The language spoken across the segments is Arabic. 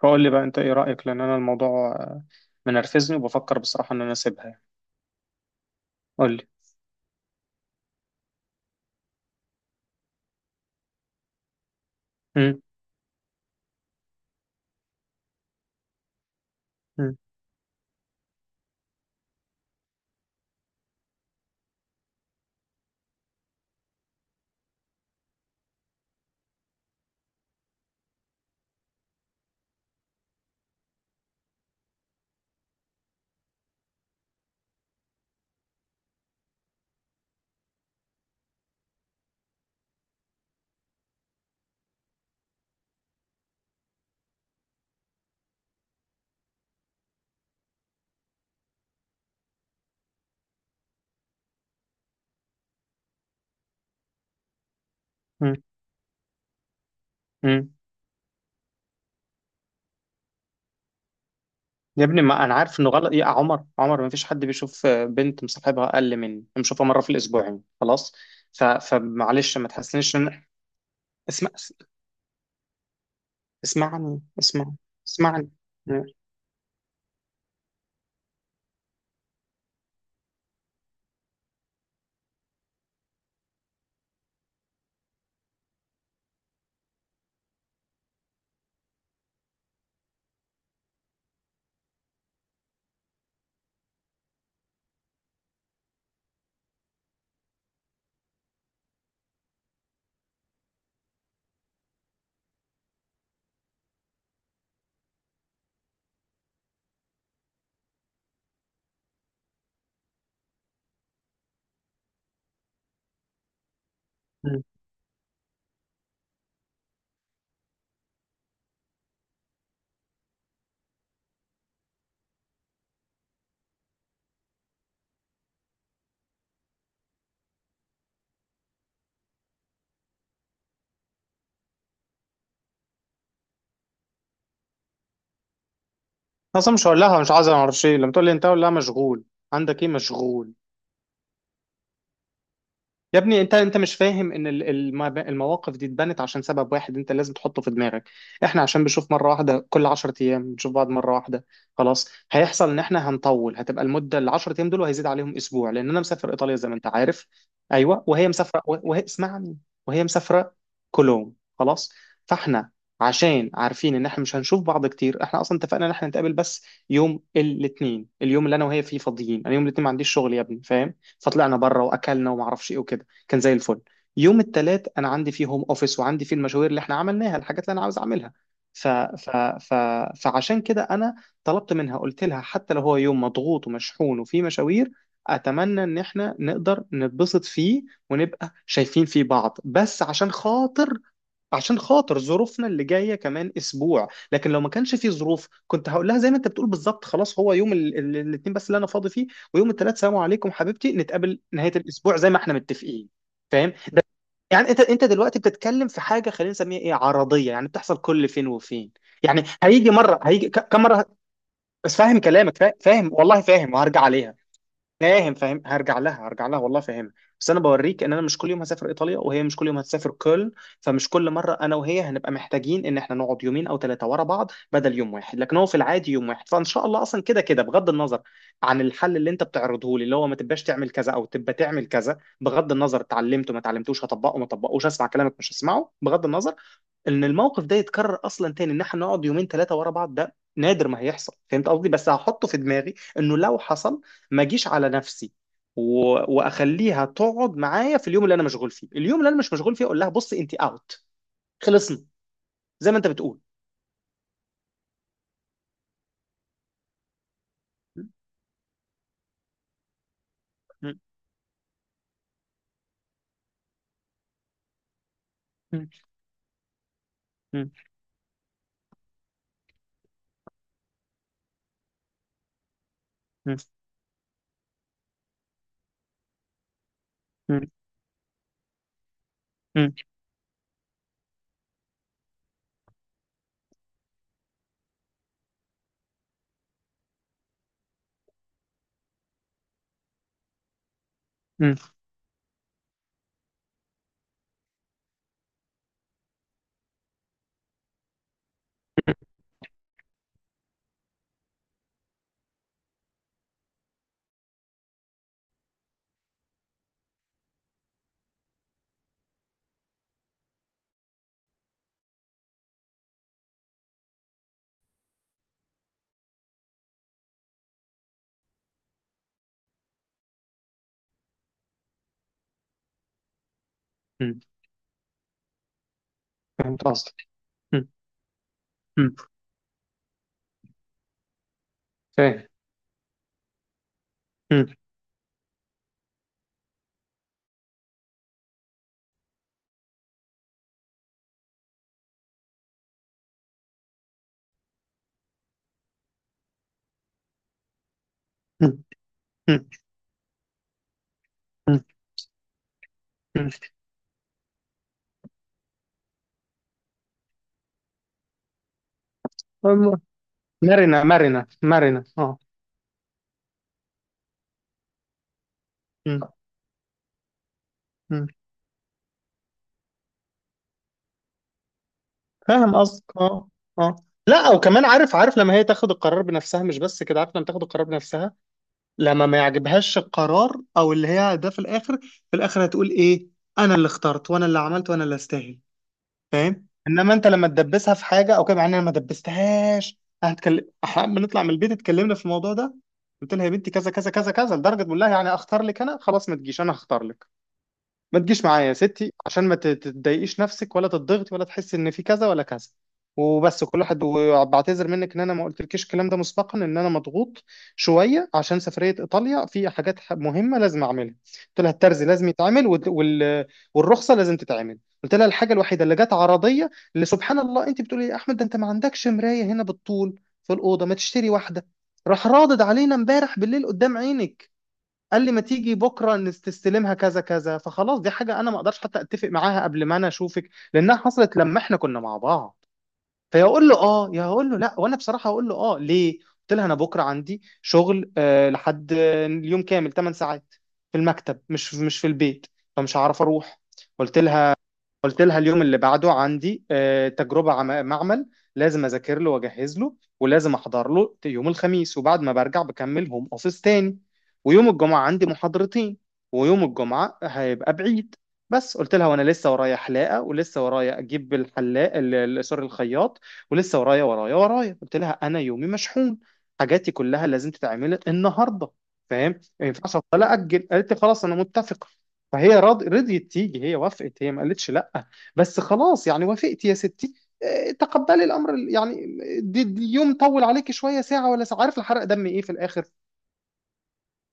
قول لي بقى، انت ايه رأيك؟ لان انا الموضوع منرفزني، وبفكر بصراحة ان انا اسيبها يعني. قول لي. مم، مم، مم، مم. يا ابني، ما انا عارف انه غلط. إيه يا عمر؟ عمر ما فيش حد بيشوف بنت مصاحبها اقل مني بنشوفها مرة في الاسبوعين، خلاص. فمعلش، ما تحسنيش ان... اسمع، اسمعني. اسمعني. مم، مم. اصلا مش هقول لها. مش عايز اعرف شيء. لما تقول لي انت، هقول لها مشغول. عندك ايه؟ مشغول. يا ابني انت، مش فاهم ان المواقف دي اتبنت عشان سبب واحد انت لازم تحطه في دماغك. احنا عشان بنشوف مره واحده كل 10 ايام، بنشوف بعض مره واحده خلاص. هيحصل ان احنا هنطول، هتبقى المده ال 10 ايام دول وهيزيد عليهم اسبوع لان انا مسافر ايطاليا زي ما انت عارف. ايوه، وهي مسافره وهي... اسمعني. وهي مسافره كولوم، خلاص. فاحنا عشان عارفين ان احنا مش هنشوف بعض كتير، احنا اصلا اتفقنا ان احنا نتقابل بس يوم الاثنين، اليوم اللي انا وهي فيه فاضيين. انا يوم الاثنين ما عنديش شغل يا ابني، فاهم؟ فطلعنا بره واكلنا وما اعرفش ايه وكده، كان زي الفل. يوم الثلاث انا عندي فيه هوم اوفيس، وعندي فيه المشاوير اللي احنا عملناها، الحاجات اللي انا عاوز اعملها. ف... ف... ف... فعشان كده انا طلبت منها، قلت لها حتى لو هو يوم مضغوط ومشحون وفيه مشاوير، اتمنى ان احنا نقدر نتبسط فيه ونبقى شايفين فيه بعض، بس عشان خاطر ظروفنا اللي جايه كمان اسبوع. لكن لو ما كانش في ظروف، كنت هقول لها زي ما انت بتقول بالظبط، خلاص هو يوم الاثنين بس اللي انا فاضي فيه، ويوم الثلاث سلام عليكم حبيبتي، نتقابل نهايه الاسبوع زي ما احنا متفقين. فاهم ده؟ يعني انت، دلوقتي بتتكلم في حاجه خلينا نسميها ايه، عرضيه، يعني بتحصل كل فين وفين. يعني هيجي مره، هيجي كم مره؟ بس فاهم كلامك، فاهم والله، فاهم وهرجع عليها. فاهم، فاهم، هرجع لها، هرجع لها والله، فاهمها. بس انا بوريك ان انا مش كل يوم هسافر ايطاليا، وهي مش كل يوم هتسافر كولن. فمش كل مره انا وهي هنبقى محتاجين ان احنا نقعد يومين او ثلاثه ورا بعض، بدل يوم واحد. لكن هو في العادي يوم واحد، فان شاء الله. اصلا كده كده، بغض النظر عن الحل اللي انت بتعرضه لي، اللي هو ما تبقاش تعمل كذا او تبقى تعمل كذا، بغض النظر اتعلمته ما اتعلمتوش، هطبقه ما طبقوش، اسمع كلامك مش هسمعه، بغض النظر، ان الموقف ده يتكرر اصلا تاني، ان احنا نقعد يومين ثلاثه ورا بعض، ده نادر ما هيحصل. فهمت قصدي؟ بس هحطه في دماغي انه لو حصل، ما اجيش على نفسي و... واخليها تقعد معايا في اليوم اللي انا مشغول فيه. اليوم اللي انا مش مشغول فيه، اقول لها بصي انت اوت، خلصنا، زي ما انت بتقول. مم. مم. مم. مم. مم. مم. مم. مم. فهمت قصدك. مم. مم. فاهم. مم. مم. مم. مم. مرنة مرنة مرنة، اه. مم. مم. فاهم قصدك، اه، اه. لا، وكمان عارف، عارف لما هي تاخد القرار بنفسها. مش بس كده، عارف لما تاخد القرار بنفسها، لما ما يعجبهاش القرار او اللي هي ده، في الاخر، في الاخر هتقول ايه؟ انا اللي اخترت وانا اللي عملت وانا اللي استاهل. فاهم؟ انما انت لما تدبسها في حاجه او كده، مع ان انا ما دبستهاش. هنتكلم احنا، بنطلع من البيت، اتكلمنا في الموضوع ده، قلت لها يا بنتي كذا كذا كذا كذا، لدرجه بقول لها يعني اختار لك انا، خلاص ما تجيش، انا هختار لك. ما تجيش معايا يا ستي، عشان ما تضايقيش نفسك ولا تضغطي ولا تحسي ان في كذا ولا كذا وبس، كل واحد. وبعتذر منك ان انا ما قلتلكيش الكلام ده مسبقا، ان انا مضغوط شويه عشان سفريه ايطاليا، في حاجات مهمه لازم اعملها. قلت لها الترزي لازم يتعمل، والرخصه لازم تتعمل. قلت لها الحاجه الوحيده اللي جت عرضيه، اللي سبحان الله، انت بتقولي إيه يا احمد؟ ده انت ما عندكش مرايه هنا بالطول في الاوضه، ما تشتري واحده؟ راح رادد علينا امبارح بالليل قدام عينك، قال لي ما تيجي بكره تستلمها كذا كذا. فخلاص دي حاجه انا ما اقدرش حتى اتفق معاها قبل ما انا اشوفك، لانها حصلت لما احنا كنا مع بعض. فيقول له اه يا هقول له لا؟ وانا بصراحه هقول له اه. ليه؟ قلت لها انا بكره عندي شغل آه، لحد اليوم كامل 8 ساعات في المكتب، مش في البيت، فمش هعرف اروح. قلت لها، قلت لها اليوم اللي بعده عندي تجربة معمل، لازم أذاكر له وأجهز له ولازم أحضر له يوم الخميس، وبعد ما برجع بكمل هوم أوفيس تاني. ويوم الجمعة عندي محاضرتين، ويوم الجمعة هيبقى بعيد. بس قلت لها، وأنا لسه ورايا حلاقة، ولسه ورايا أجيب الحلاق سوري الخياط، ولسه ورايا ورايا. قلت لها أنا يومي مشحون، حاجاتي كلها لازم تتعمل النهاردة، فاهم؟ ما ينفعش أفضل أجل. قالت لي خلاص أنا متفقة. رضيت تيجي، هي وافقت، هي ما قالتش لا، بس خلاص يعني وافقت يا ستي. تقبلي الامر يعني، دي يوم طول عليكي شويه، ساعه ولا ساعه، عارف الحرق دم ايه في الاخر؟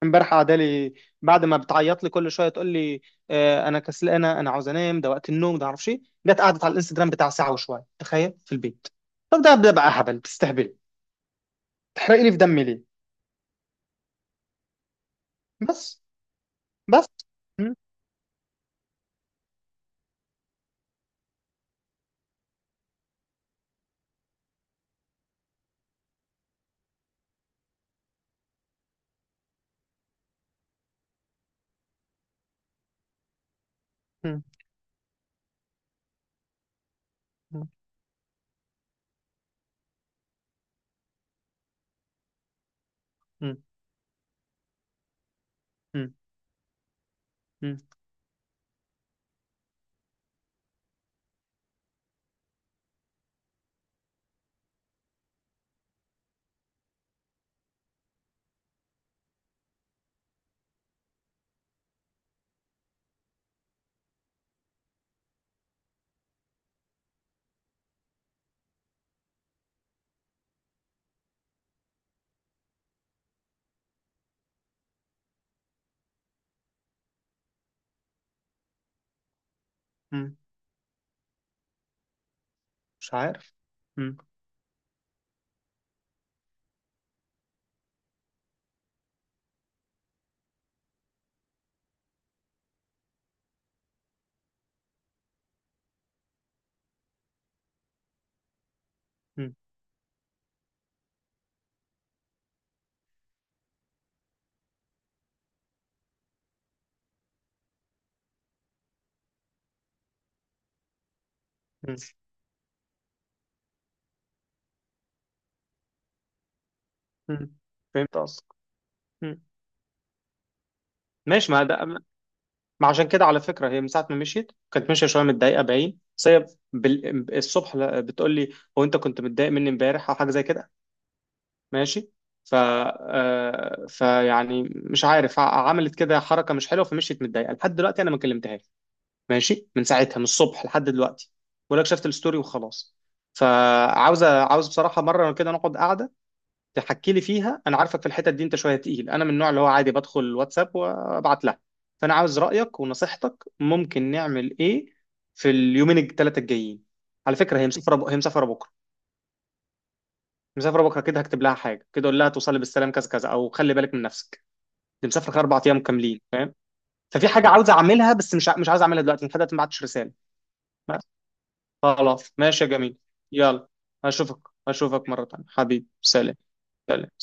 امبارح قاعده لي، بعد ما بتعيط لي كل شويه تقول لي انا كسلانه، انا عاوز انام، ده وقت النوم ده، معرفش ايه، جت قعدت على الانستجرام بتاع ساعه وشويه، تخيل في البيت. طب ده بقى هبل، بتستهبلي، تحرقي لي في دمي ليه؟ بس. بس. م- م- م- م- م- م- م- مش عارف. م- م- م. مم. فهمت قصدك. مم. ماشي. ما ده، ما عشان كده على فكره، هي من ساعه ما مشيت كانت ماشيه شويه متضايقه، باين. بس هي الصبح بتقول لي هو انت كنت متضايق مني امبارح او حاجه زي كده؟ ماشي. ف فيعني، مش عارف، عملت كده حركه مش حلوه، فمشيت متضايقه. لحد دلوقتي انا ما كلمتهاش، ماشي، من ساعتها، من الصبح لحد دلوقتي، ولا شفت الستوري وخلاص. فعاوز، عاوز بصراحه مره كده نقعد قعده تحكي لي فيها. انا عارفك في الحتت دي انت شويه تقيل، انا من النوع اللي هو عادي بدخل الواتساب وابعت لها. فانا عاوز رايك ونصيحتك، ممكن نعمل ايه في اليومين الثلاثه الجايين؟ على فكره هي مسافره هي مسافره بكره، مسافره بكره. كده هكتب لها حاجه كده، اقول لها توصلي بالسلام كذا كذا، او خلي بالك من نفسك، دي مسافره اربع ايام كاملين، فاهم؟ ففي حاجه عاوز اعملها بس مش مش عاوز اعملها دلوقتي. لحد دلوقتي ما بعتش رساله. بس. خلاص ماشي يا جميل، يلا. اشوفك، اشوفك مره ثانيه حبيبي، سلام، سلام، سلام.